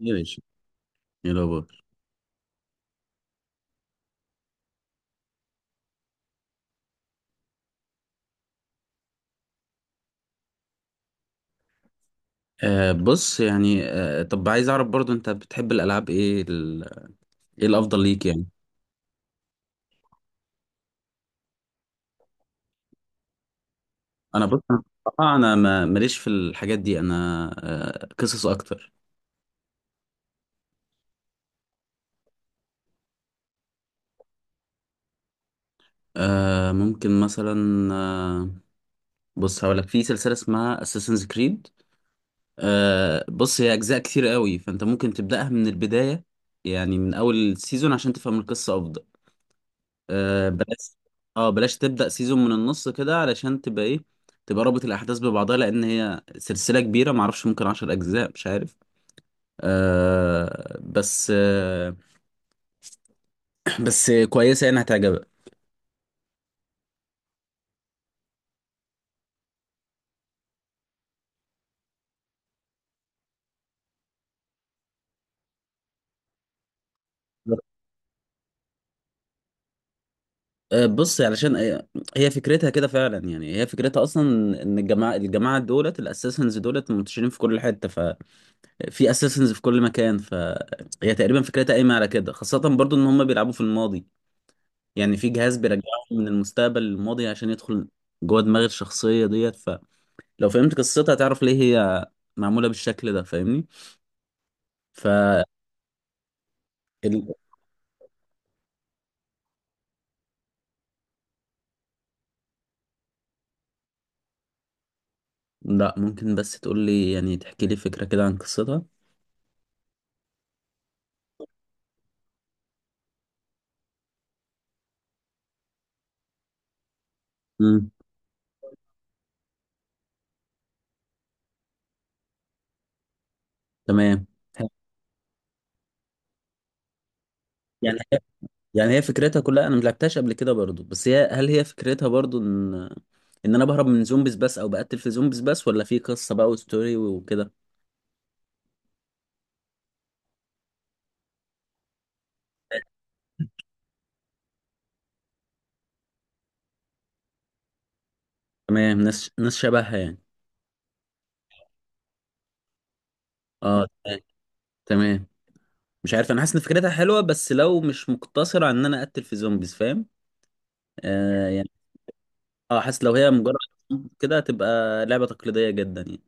يا باشا. ايه الاخبار؟ بص، يعني، طب عايز اعرف برضو، انت بتحب الالعاب ايه ايه الافضل ليك يعني؟ انا بص، انا بصراحة انا ما ماليش في الحاجات دي، انا قصص اكتر. ممكن مثلا، بص هقول لك في سلسله اسمها اساسنز كريد. بص هي اجزاء كتير قوي، فانت ممكن تبداها من البدايه، يعني من اول سيزون عشان تفهم القصه افضل. آه بلاش اه بلاش تبدأ سيزون من النص كده، علشان تبقى ايه، تبقى رابط الأحداث ببعضها، لأن هي سلسلة كبيرة، معرفش، ممكن 10 أجزاء، مش عارف. بس آه بس كويسة يعني هتعجبك. بص علشان هي فكرتها كده فعلا، يعني هي فكرتها اصلا ان الجماعه دولت الاساسنز دولت منتشرين في كل حته، ففي اساسنز في كل مكان. فهي تقريبا فكرتها قايمه على كده، خاصه برضو ان هم بيلعبوا في الماضي، يعني في جهاز بيرجعه من المستقبل للماضي عشان يدخل جوه دماغ الشخصية ديت. فلو فهمت قصتها هتعرف ليه هي معمولة بالشكل ده. فاهمني؟ ف ال... لا، ممكن بس تقول لي، يعني تحكي لي فكرة كده عن قصتها. امم. تمام. يعني هي- يعني هي فكرتها كلها، انا ملعبتهاش قبل كده برضو، بس هي هل هي فكرتها برضو ان انا بهرب من زومبيز بس، او بقتل في زومبيز بس، ولا في قصة بقى وستوري وكده؟ تمام، ناس شبهها يعني. اه تمام. تمام. مش عارف، انا حاسس ان فكرتها حلوه، بس لو مش مقتصره على ان انا اقتل في زومبيز. فاهم؟ يعني، اه حاسس لو هي مجرد كده هتبقى لعبه تقليديه جدا يعني.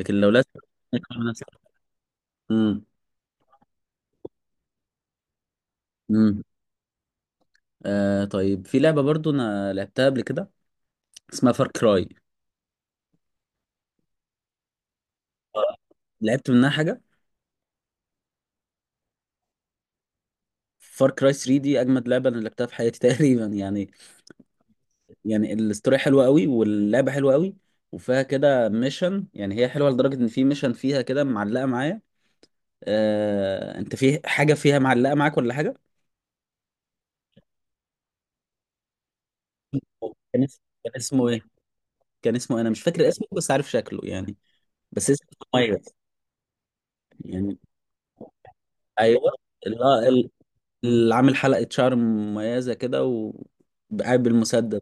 لكن لو لازم. امم. امم. طيب، في لعبه برضو انا لعبتها قبل كده اسمها فار كراي. لعبت منها حاجه، فار كراي 3 دي اجمد لعبه انا لعبتها في حياتي تقريبا يعني. يعني الاستوري حلوه قوي، واللعبه حلوه قوي، وفيها كده ميشن. يعني هي حلوه لدرجه ان في ميشن فيها كده معلقه معايا. انت في حاجه فيها معلقه معاك ولا حاجه؟ كان اسمه كان اسمه ايه؟ كان اسمه، انا مش فاكر اسمه، بس عارف شكله يعني. بس اسمه مميز. يعني ايوه، اللي هو اللي عامل حلقه شعر مميزه كده وقاعد بالمسدس.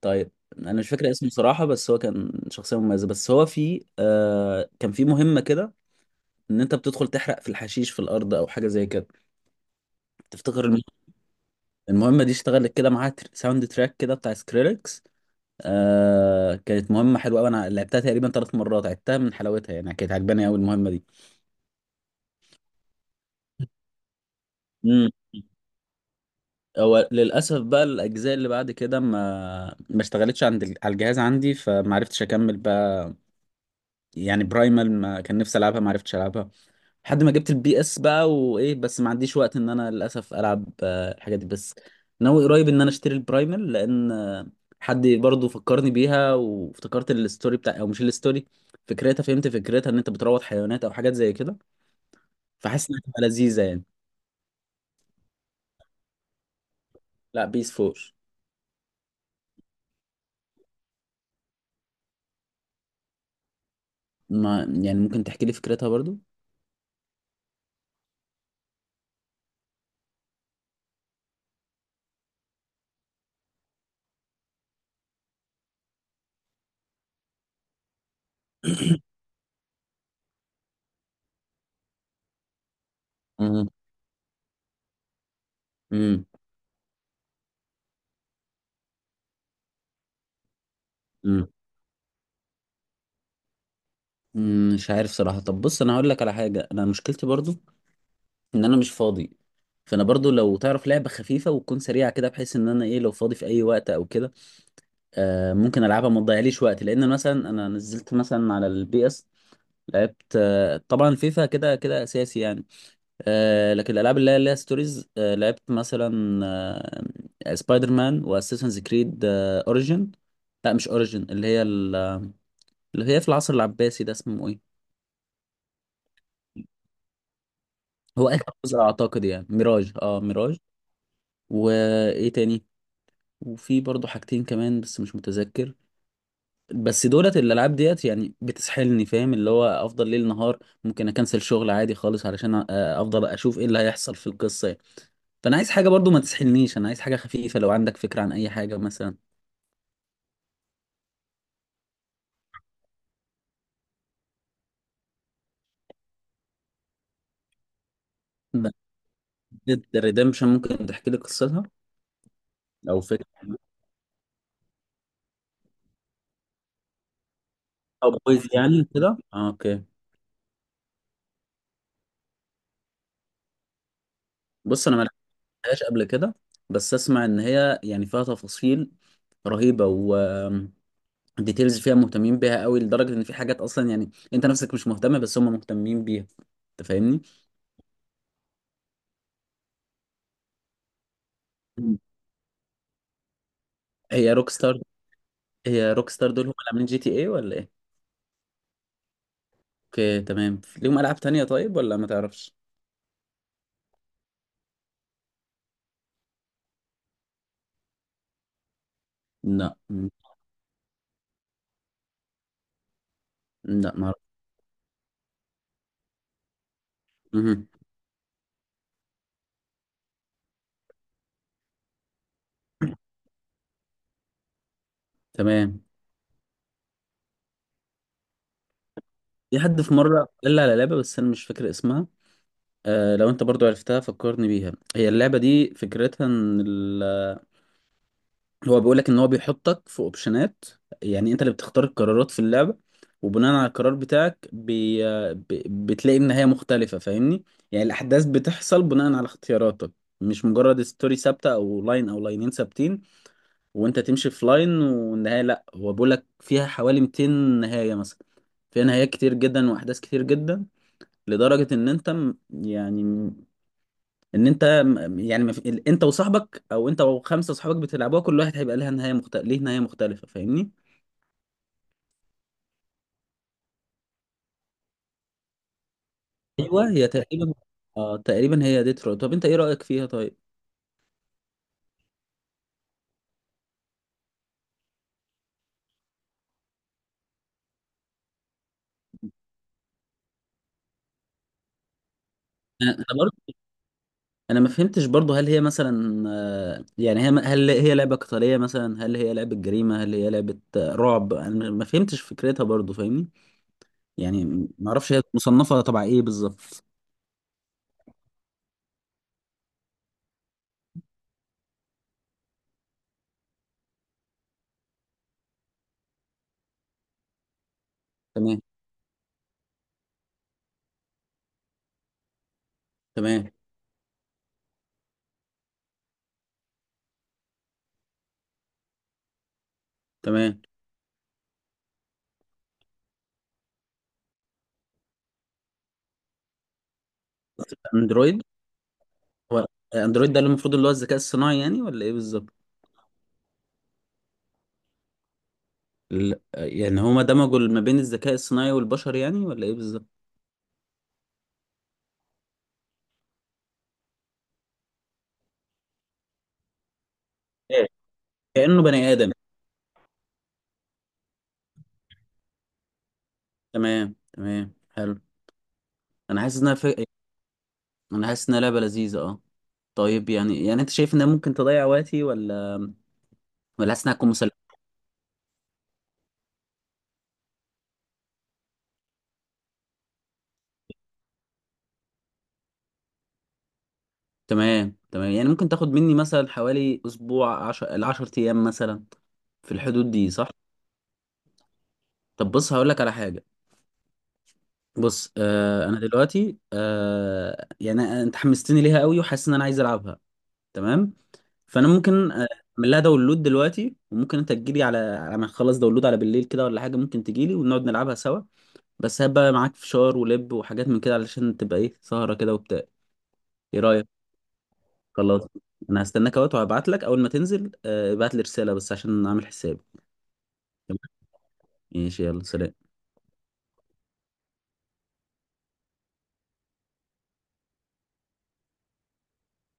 طيب، انا مش فاكر اسمه صراحه، بس هو كان شخصيه مميزه. بس هو في كان في مهمه كده، ان انت بتدخل تحرق في الحشيش في الارض او حاجه زي كده. تفتكر المهمه دي اشتغلت كده معاها ساوند تراك كده بتاع سكريلكس؟ كانت مهمة حلوة أوي، أنا لعبتها تقريبا 3 مرات عدتها من حلاوتها يعني، كانت عجباني أوي المهمة دي. مم. هو للأسف بقى الأجزاء اللي بعد كده ما اشتغلتش على الجهاز عندي، فما عرفتش أكمل بقى. يعني برايمال، ما كان نفسي ألعبها، ما عرفتش ألعبها. لحد ما جبت الPS بقى وايه، بس ما عنديش وقت ان انا للاسف العب الحاجات دي بس. ناوي قريب ان انا اشتري البرايمال لان، حد برضو فكرني بيها، وافتكرت الستوري بتاع، او مش الستوري، فكرتها، فهمت فكرتها ان انت بتروض حيوانات او حاجات زي كده. فحاسس انها هتبقى لذيذه يعني. لا، PS4. ما يعني، ممكن تحكي لي فكرتها برضو؟ مم. مم. مم. مم. مش عارف صراحة. طب بص انا هقول لك على حاجة، انا مشكلتي برضو ان انا مش فاضي. فانا برضو لو تعرف لعبه خفيفه وتكون سريعه كده، بحيث ان انا ايه، لو فاضي في اي وقت او كده، ممكن العبها ما تضيعليش وقت، لان مثلا انا نزلت مثلا على الPS. لعبت طبعا فيفا، كده كده اساسي يعني. لكن الالعاب اللي هي ستوريز، لعبت مثلا سبايدر مان واساسنز كريد اوريجن. لا مش اوريجن، اللي هي في العصر العباسي ده اسمه ايه؟ هو اخر جزء اعتقد يعني، ميراج. اه ميراج. وايه تاني، وفي برضه حاجتين كمان بس مش متذكر. بس دولت الالعاب ديت يعني بتسحلني، فاهم؟ اللي هو افضل ليل نهار، ممكن اكنسل شغل عادي خالص علشان افضل اشوف ايه اللي هيحصل في القصه يعني. فانا عايز حاجه برضه ما تسحلنيش، انا عايز حاجه خفيفه، لو عندك فكره عن اي حاجه مثلا. ريدمشن، ممكن تحكي لي قصتها او فكره؟ او بويز يعني كده، اوكي. بص انا ما لعبتهاش قبل كده، بس اسمع ان هي يعني فيها تفاصيل رهيبه، ديتيلز فيها مهتمين بيها قوي لدرجه ان في حاجات اصلا يعني انت نفسك مش مهتم، بس هم مهتمين بيها. انت فاهمني؟ مم. هي روك ستار. هي روك ستار دول هم اللي عاملين GTA ولا ايه؟ اوكي تمام، ليهم العاب تانية طيب ولا ما تعرفش؟ لا. مم. لا ما اعرف. مهم. تمام. في حد في مره قال لي على لعبه بس انا مش فاكر اسمها. لو انت برضو عرفتها فكرني بيها. هي اللعبه دي فكرتها ان هو بيقول لك ان هو بيحطك في اوبشنات. يعني انت اللي بتختار القرارات في اللعبه، وبناء على القرار بتاعك ب... بتلاقي النهايه مختلفه. فاهمني؟ يعني الاحداث بتحصل بناء على اختياراتك، مش مجرد ستوري ثابته، او لاين او لاينين ثابتين. وانت تمشي في لاين والنهايه، لا هو بيقول لك فيها حوالي 200 نهايه مثلا. فيها نهايات كتير جدا واحداث كتير جدا، لدرجه ان انت م- يعني ان انت م- يعني ما في- ال- انت وصاحبك او انت وخمسه صحابك بتلعبوها، كل واحد هيبقى لها نهايه مختلفه، ليه نهايه مختلفه. فاهمني؟ ايوه هي تقريبا. اه تقريبا هي طب انت ايه رايك فيها؟ طيب. انا برضه، انا ما فهمتش برضه، هل هي مثلا، يعني هل هي لعبه قتاليه مثلا، هل هي لعبه جريمه، هل هي لعبه رعب؟ انا ما فهمتش فكرتها برضه، فاهمني؟ يعني ما اعرفش هي مصنفه تبع ايه بالظبط. تمام. تمام. تمام. اندرويد. هو اندرويد ده اللي المفروض اللي هو الذكاء الصناعي يعني ولا ايه بالظبط؟ يعني هما دمجوا ما بين الذكاء الصناعي والبشر يعني ولا ايه بالظبط؟ إيه. كأنه بني آدم. تمام، تمام، حلو. انا حاسس انها. انا حاسس انها لعبة لذيذة، اه. طيب يعني، انت شايف انها ممكن تضيع وقتي، ولا حاسس انها تكون مسلية؟ تمام، تمام، يعني ممكن تاخد مني مثلا حوالي اسبوع، الـ10 ايام مثلا. في الحدود دي صح؟ طب بص هقول لك على حاجة. بص، انا دلوقتي، يعني انت حمستني ليها قوي، وحاسس ان انا عايز العبها. تمام. فانا ممكن، اعمل لها داونلود دلوقتي، وممكن انت تجيلي على ما اخلص داونلود، على بالليل كده ولا حاجه، ممكن تجيلي ونقعد نلعبها سوا. بس هبقى معاك فشار ولب وحاجات من كده، علشان تبقى ايه، سهره كده وبتاع. ايه رايك؟ خلاص. انا هستناك اهوت، وهبعت لك اول ما تنزل، ابعت لي رساله بس عشان اعمل حسابي. ماشي، يلا سلام.